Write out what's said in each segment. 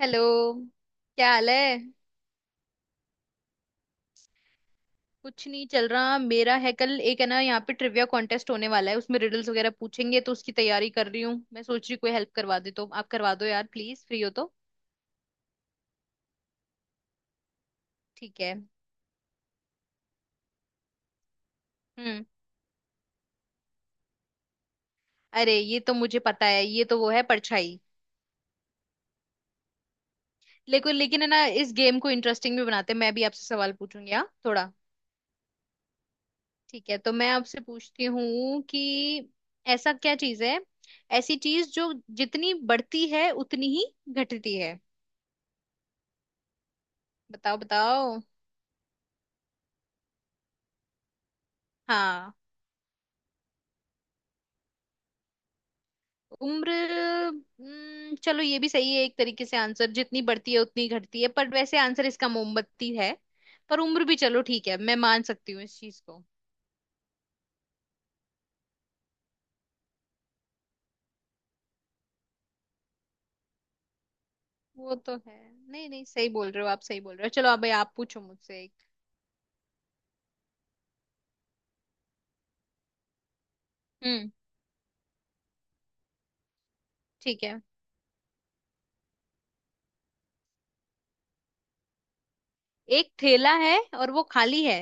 Hello, क्या हाल है। कुछ नहीं चल रहा। मेरा है कल, एक है ना यहाँ पे ट्रिविया कॉन्टेस्ट होने वाला है, उसमें रिडल्स वगैरह पूछेंगे, तो उसकी तैयारी कर रही हूँ। मैं सोच रही कोई हेल्प करवा दे, तो आप करवा दो यार प्लीज, फ्री हो तो। ठीक है। हम्म। अरे, ये तो मुझे पता है। ये तो वो है, परछाई। लेकिन लेकिन है ना, इस गेम को इंटरेस्टिंग भी बनाते हैं, मैं भी आपसे सवाल पूछूंगी हाँ, थोड़ा। ठीक है, तो मैं आपसे पूछती हूँ कि ऐसा क्या चीज है, ऐसी चीज जो जितनी बढ़ती है उतनी ही घटती है। बताओ बताओ। हाँ। उम्र? चलो ये भी सही है, एक तरीके से आंसर, जितनी बढ़ती है उतनी घटती है, पर वैसे आंसर इसका मोमबत्ती है। पर उम्र भी चलो ठीक है, मैं मान सकती हूँ इस चीज को। वो तो है। नहीं नहीं, सही बोल रहे हो आप, सही बोल रहे हो। चलो, अब आप पूछो मुझसे एक। हम्म। ठीक है, एक थैला है और वो खाली है।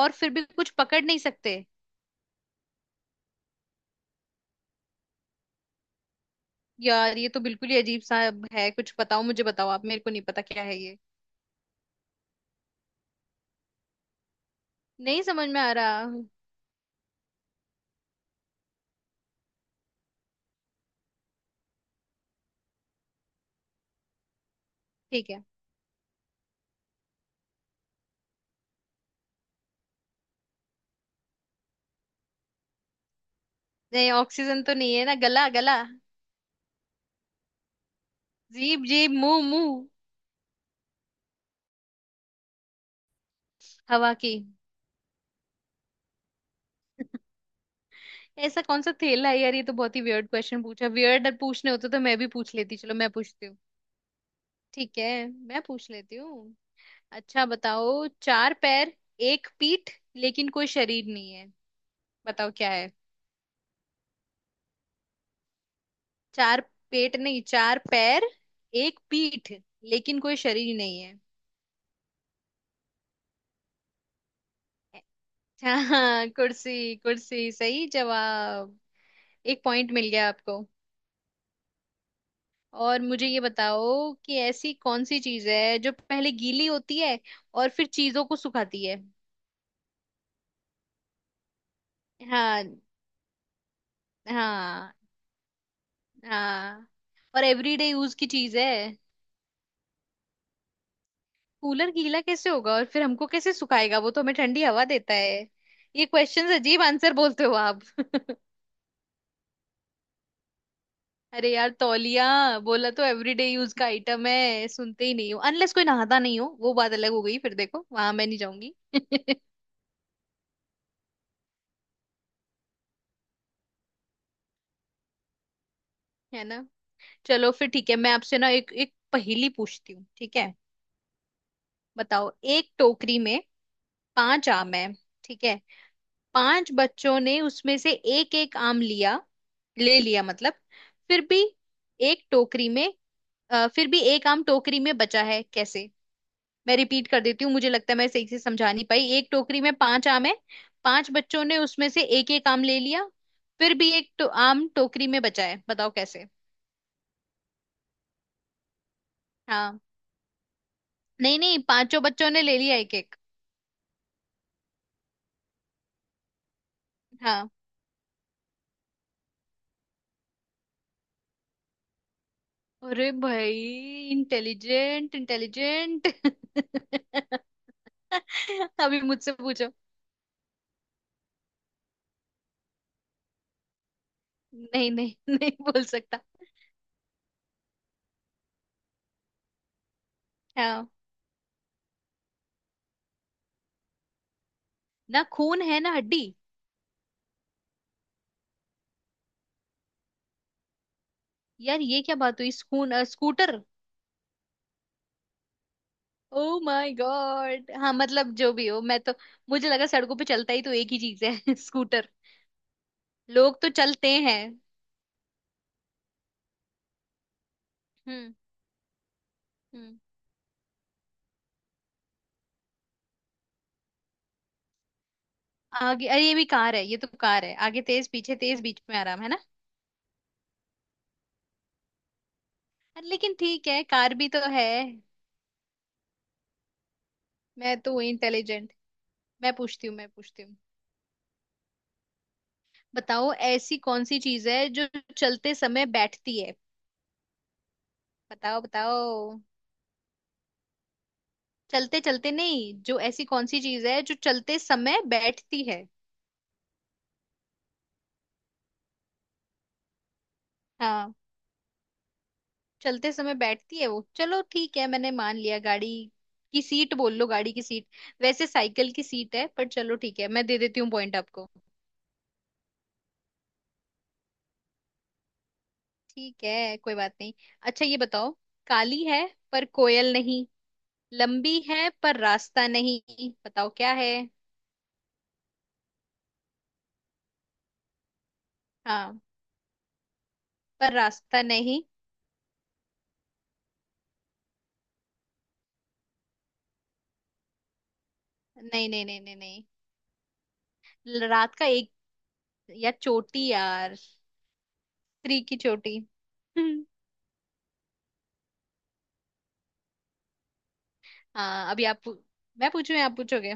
और फिर भी कुछ पकड़ नहीं सकते। यार, ये तो बिल्कुल ही अजीब सा है कुछ। बताओ, मुझे बताओ आप, मेरे को नहीं पता क्या है ये। नहीं समझ में आ रहा। ठीक है। नहीं, ऑक्सीजन तो नहीं है ना, गला गला, जीप जीप, मुंह मुंह। हवा की। ऐसा कौन सा थैला है यार, ये तो बहुत ही वियर्ड क्वेश्चन पूछा। वियर्ड पूछने होते तो मैं भी पूछ लेती, चलो मैं पूछती हूँ। ठीक है, मैं पूछ लेती हूँ। अच्छा, बताओ, चार पैर, एक पीठ, लेकिन कोई शरीर नहीं है। बताओ क्या है। चार पेट नहीं, चार पैर, एक पीठ, लेकिन कोई शरीर नहीं है। अच्छा हाँ, कुर्सी कुर्सी, सही जवाब। एक पॉइंट मिल गया आपको। और मुझे ये बताओ कि ऐसी कौन सी चीज है जो पहले गीली होती है और फिर चीजों को सुखाती है। हाँ। हाँ। हाँ। और एवरीडे यूज की चीज है। कूलर गीला कैसे होगा, और फिर हमको कैसे सुखाएगा? वो तो हमें ठंडी हवा देता है। ये क्वेश्चन अजीब आंसर बोलते हो आप। अरे यार, तौलिया। बोला तो एवरीडे यूज का आइटम है, सुनते ही नहीं हो। अनलेस कोई नहाता नहीं हो, वो बात अलग हो गई, फिर देखो वहां मैं नहीं जाऊंगी। है ना। चलो फिर ठीक है, मैं आपसे ना एक एक पहेली पूछती हूँ, ठीक है। बताओ, एक टोकरी में पांच आम है, ठीक है। पांच बच्चों ने उसमें से एक एक आम लिया, ले लिया मतलब। फिर भी एक टोकरी में फिर भी एक आम टोकरी में बचा है, कैसे? मैं रिपीट कर देती हूँ, मुझे लगता है मैं सही से समझा नहीं पाई। एक टोकरी में पांच आम है, पांच बच्चों ने उसमें से एक एक आम ले लिया, फिर भी एक आम टोकरी में बचा है, बताओ कैसे। हाँ। नहीं नहीं, पांचों बच्चों ने ले लिया एक एक। हाँ। अरे भाई, इंटेलिजेंट इंटेलिजेंट। अभी मुझसे पूछो। नहीं नहीं, नहीं बोल सकता। हाँ। ना खून है ना हड्डी। यार, ये क्या बात हुई? खून, स्कूटर। ओ माय गॉड, हाँ मतलब जो भी हो, मैं तो, मुझे लगा सड़कों पे चलता ही तो एक ही चीज है, स्कूटर, लोग तो चलते हैं। हम्म। हम्म। आगे, अरे, ये भी कार है, ये तो कार है। आगे तेज, पीछे तेज, बीच में आराम, है ना। लेकिन ठीक है, कार भी तो है। मैं तो इंटेलिजेंट। मैं पूछती हूँ। बताओ, ऐसी कौन सी चीज है जो चलते समय बैठती है। बताओ बताओ। चलते चलते नहीं, जो, ऐसी कौन सी चीज है जो चलते समय बैठती है। हाँ। चलते समय बैठती है वो, चलो ठीक है, मैंने मान लिया, गाड़ी की सीट बोल लो, गाड़ी की सीट। वैसे साइकिल की सीट है, पर चलो ठीक है, मैं दे देती हूँ पॉइंट आपको। ठीक है, कोई बात नहीं। अच्छा ये बताओ, काली है पर कोयल नहीं, लंबी है पर रास्ता नहीं, बताओ क्या है। हाँ। पर रास्ता नहीं। नहीं नहीं नहीं नहीं नहीं रात का एक, यार, चोटी यार, स्त्री की चोटी। हम्म। हाँ, मैं पूछूं या आप पूछोगे?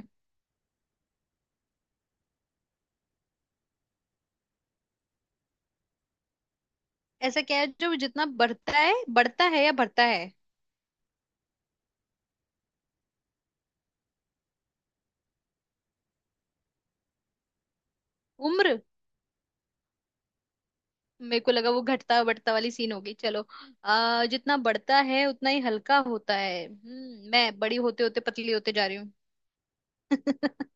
ऐसा क्या है जो जितना बढ़ता है, बढ़ता है या बढ़ता है? उम्र? मेरे को लगा वो घटता बढ़ता वाली सीन होगी। चलो, जितना बढ़ता है उतना ही हल्का होता है। मैं बड़ी होते होते पतली होते जा रही हूँ।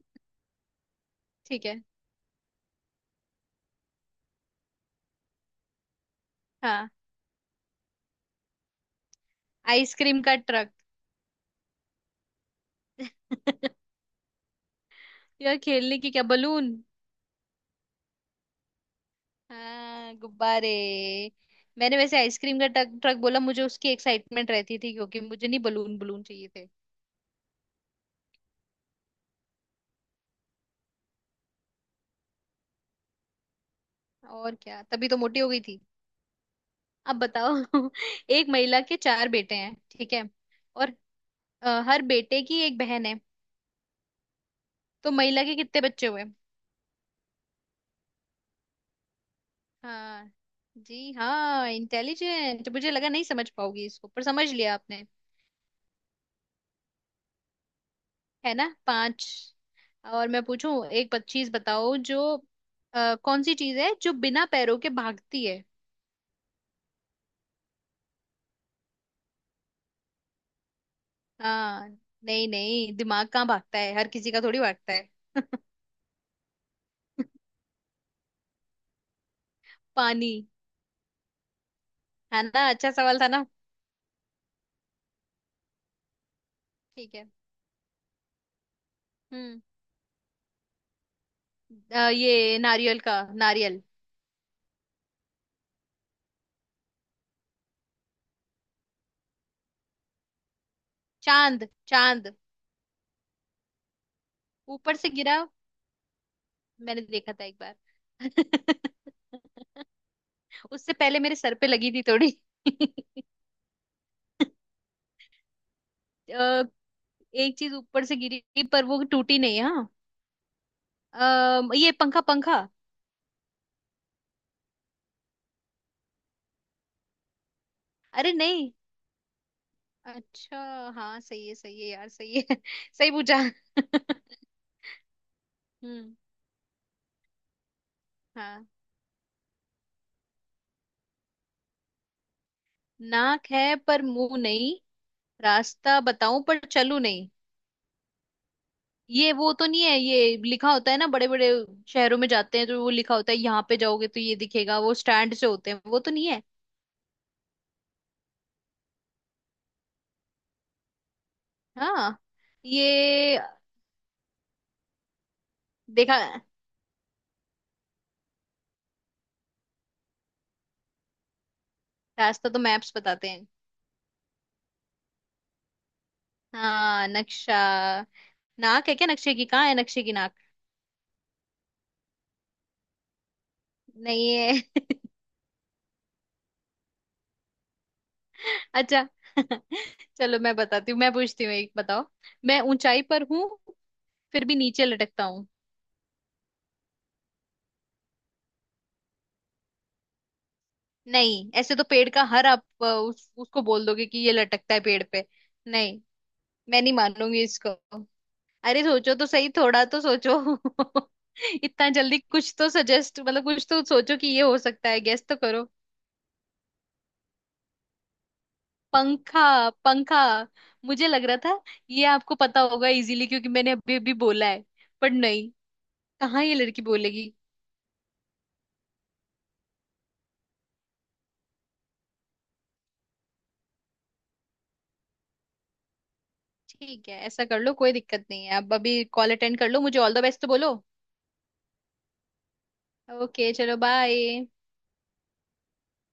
ठीक है। हाँ, आइसक्रीम का ट्रक। यार खेलने की क्या, बलून। हाँ, गुब्बारे। मैंने वैसे आइसक्रीम का ट्रक ट्रक बोला, मुझे उसकी एक्साइटमेंट रहती थी क्योंकि, मुझे नहीं, बलून बलून चाहिए थे। और क्या, तभी तो मोटी हो गई थी। अब बताओ, एक महिला के चार बेटे हैं, ठीक है? और हर बेटे की एक बहन है। तो महिला के कितने बच्चे हुए? हाँ। जी हाँ, इंटेलिजेंट, मुझे लगा नहीं समझ पाओगी इसको, पर समझ लिया आपने। है ना, पांच। और मैं पूछूं एक 25, बताओ, जो कौन सी चीज है जो बिना पैरों के भागती है। हाँ। नहीं नहीं, दिमाग कहाँ भागता है, हर किसी का थोड़ी भागता है। पानी। है ना, अच्छा सवाल था ना। ठीक है। हम्म। ये नारियल का, नारियल। चांद चांद। ऊपर से गिरा, मैंने देखा था एक बार। उससे पहले मेरे सर पे लगी थी थोड़ी। अ, एक चीज ऊपर से गिरी, पर वो टूटी नहीं, हाँ। ये पंखा पंखा। अरे नहीं, अच्छा। हाँ, सही है यार, सही है, सही पूछा। हम्म। हाँ। नाक है पर मुंह नहीं, रास्ता बताऊं पर चलूं नहीं। ये, वो तो नहीं है, ये लिखा होता है ना, बड़े बड़े शहरों में जाते हैं तो वो लिखा होता है, यहाँ पे जाओगे तो ये दिखेगा, वो स्टैंड से होते हैं, वो तो नहीं है। हाँ। ये, देखा। रास्ता तो मैप्स बताते हैं। हाँ, नक्शा। नाक है क्या नक्शे की, कहाँ है नक्शे की नाक? नहीं है। अच्छा। चलो मैं बताती हूँ, मैं पूछती हूँ एक, बताओ, मैं ऊंचाई पर हूँ फिर भी नीचे लटकता। नहीं, ऐसे तो पेड़ का हर, आप उसको बोल दोगे कि ये लटकता है पेड़ पे। नहीं। मैं नहीं मानूंगी इसको। अरे सोचो तो सही, थोड़ा तो सोचो, इतना जल्दी, कुछ तो सजेस्ट, मतलब कुछ तो सोचो कि ये हो सकता है, गेस तो करो। पंखा पंखा। मुझे लग रहा था ये आपको पता होगा इजीली क्योंकि मैंने अभी अभी बोला है, पर नहीं, कहाँ ये लड़की बोलेगी। ठीक है, ऐसा कर लो, कोई दिक्कत नहीं है, आप अभी कॉल अटेंड कर लो, मुझे ऑल द बेस्ट तो बोलो। ओके, चलो बाय।